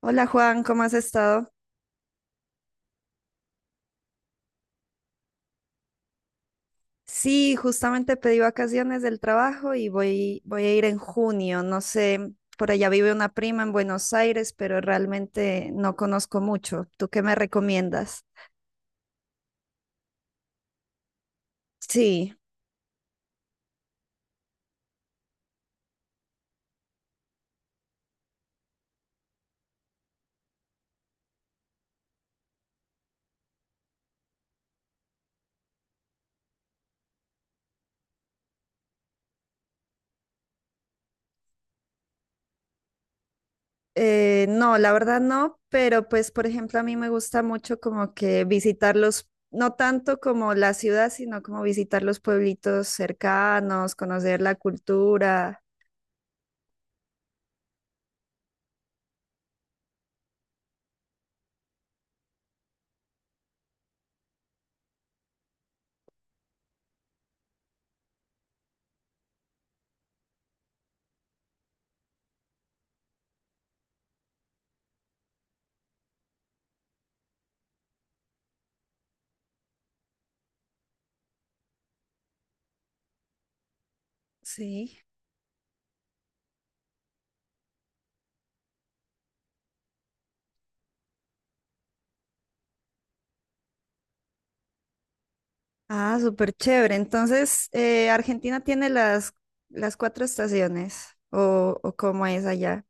Hola Juan, ¿cómo has estado? Sí, justamente pedí vacaciones del trabajo y voy a ir en junio. No sé, por allá vive una prima en Buenos Aires, pero realmente no conozco mucho. ¿Tú qué me recomiendas? Sí, no, la verdad no, pero pues por ejemplo a mí me gusta mucho como que visitar los, no tanto como la ciudad, sino como visitar los pueblitos cercanos, conocer la cultura. Sí. Ah, súper chévere. Entonces, Argentina tiene las cuatro estaciones, o cómo es allá.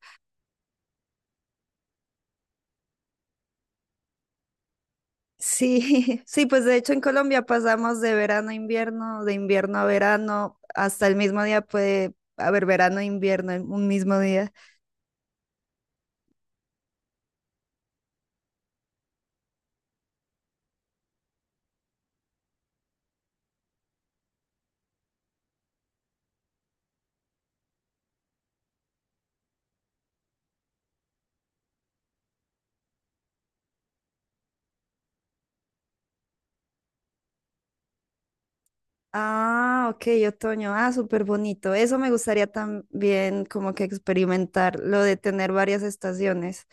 Sí, sí, pues de hecho en Colombia pasamos de verano a invierno, de invierno a verano, hasta el mismo día puede haber verano e invierno en un mismo día. Ah, ok, otoño. Ah, súper bonito. Eso me gustaría también como que experimentar, lo de tener varias estaciones.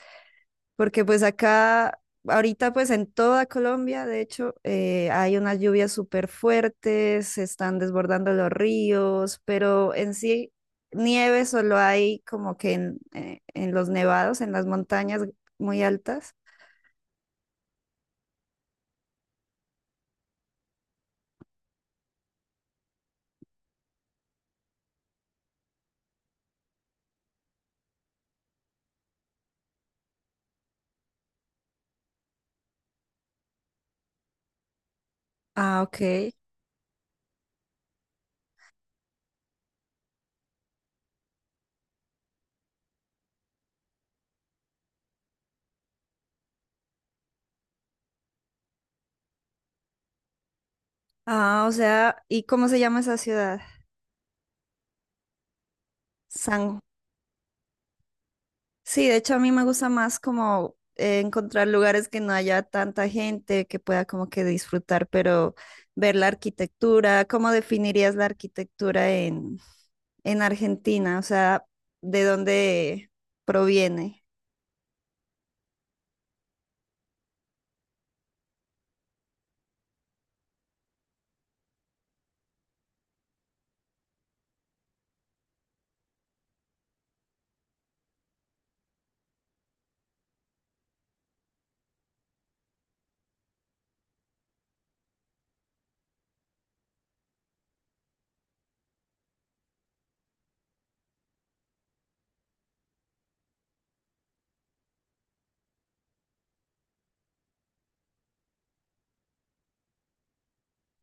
Porque pues acá, ahorita pues en toda Colombia, de hecho, hay unas lluvias súper fuertes, se están desbordando los ríos, pero en sí nieve solo hay como que en los nevados, en las montañas muy altas. Ah, ok. Ah, o sea, ¿y cómo se llama esa ciudad? San. Sí, de hecho a mí me gusta más como encontrar lugares que no haya tanta gente, que pueda como que disfrutar, pero ver la arquitectura, ¿cómo definirías la arquitectura en Argentina? O sea, ¿de dónde proviene?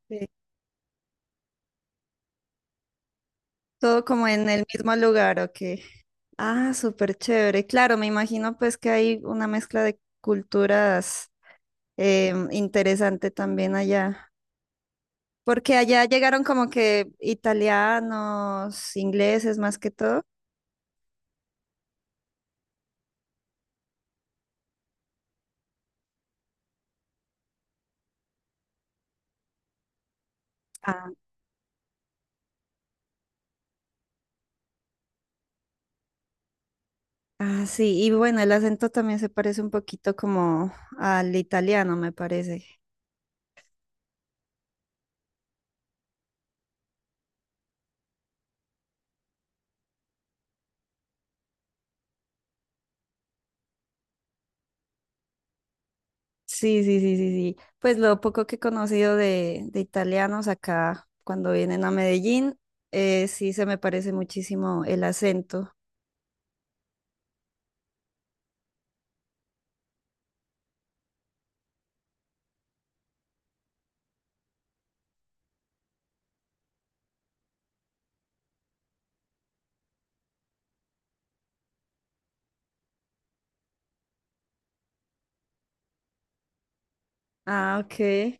Sí. Todo como en el mismo lugar, ¿o qué? Ah, súper chévere. Claro, me imagino pues que hay una mezcla de culturas interesante también allá. Porque allá llegaron como que italianos, ingleses más que todo. Ah, ah, sí, y bueno, el acento también se parece un poquito como al italiano, me parece. Sí, sí, sí, sí, sí. Pues lo poco que he conocido de italianos acá cuando vienen a Medellín, sí se me parece muchísimo el acento. Ah, ok.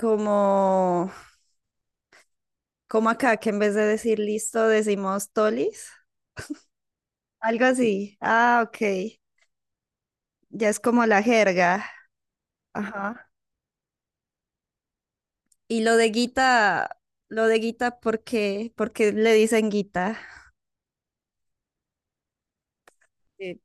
Como, como acá, que en vez de decir listo, decimos tolis. Algo así. Ah, ok. Ya es como la jerga. Ajá. Y lo de Guita, ¿por qué? ¿Por qué le dicen Guita? Sí.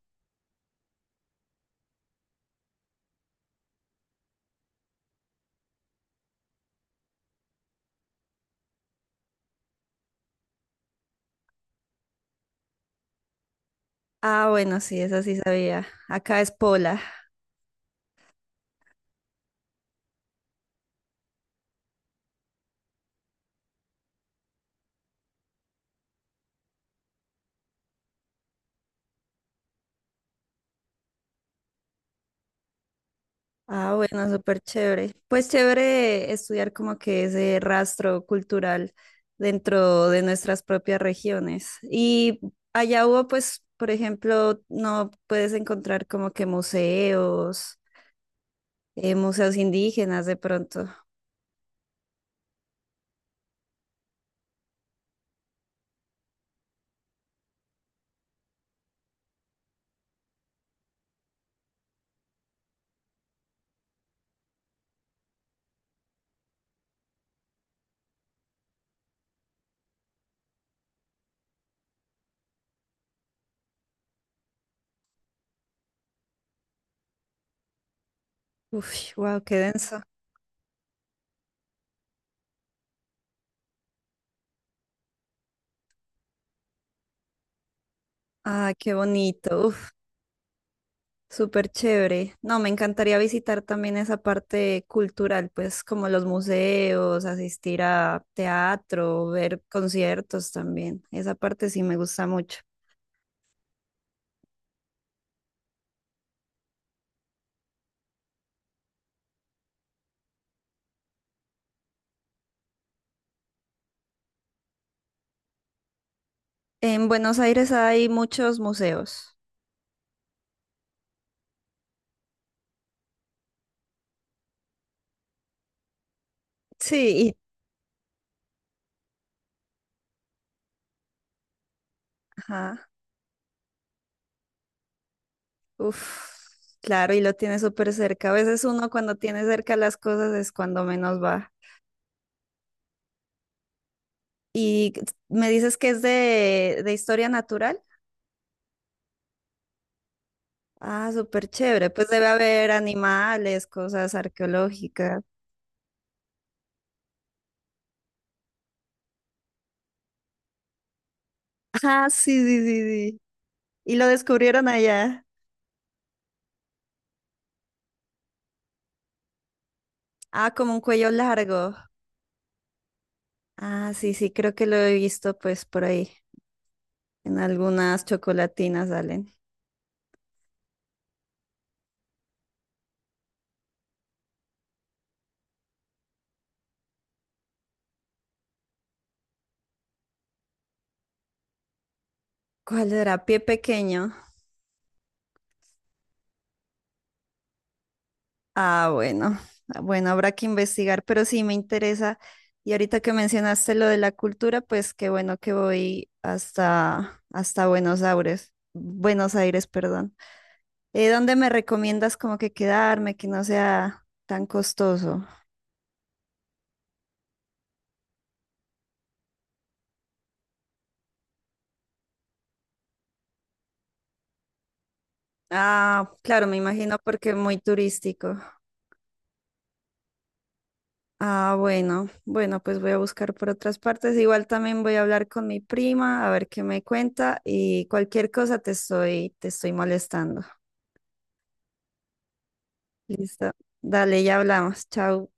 Ah, bueno, sí, esa sí sabía. Acá es Pola. Ah, bueno, súper chévere. Pues chévere estudiar como que ese rastro cultural dentro de nuestras propias regiones. Y allá hubo, pues, por ejemplo, no puedes encontrar como que museos, museos indígenas de pronto. Uf, wow, qué denso. Ah, qué bonito. Súper chévere. No, me encantaría visitar también esa parte cultural, pues como los museos, asistir a teatro, ver conciertos también. Esa parte sí me gusta mucho. En Buenos Aires hay muchos museos. Sí, y. Ajá. Uf, claro, y lo tiene súper cerca. A veces uno cuando tiene cerca las cosas es cuando menos va. Y me dices que es de historia natural. Ah, súper chévere. Pues debe haber animales, cosas arqueológicas. Ah, sí, sí, sí, sí. Y lo descubrieron allá. Ah, como un cuello largo. Ah, sí, sí, creo que lo he visto pues por ahí. En algunas chocolatinas salen. ¿Cuál era? Pie pequeño. Ah, bueno. Ah, bueno, habrá que investigar, pero sí me interesa. Y ahorita que mencionaste lo de la cultura, pues qué bueno que voy hasta, hasta Buenos Aires. Buenos Aires, perdón. ¿Dónde me recomiendas como que quedarme, que no sea tan costoso? Ah, claro, me imagino porque es muy turístico. Ah, bueno, bueno, pues voy a buscar por otras partes. Igual también voy a hablar con mi prima a ver qué me cuenta y cualquier cosa te estoy molestando. Listo. Dale, ya hablamos. Chao.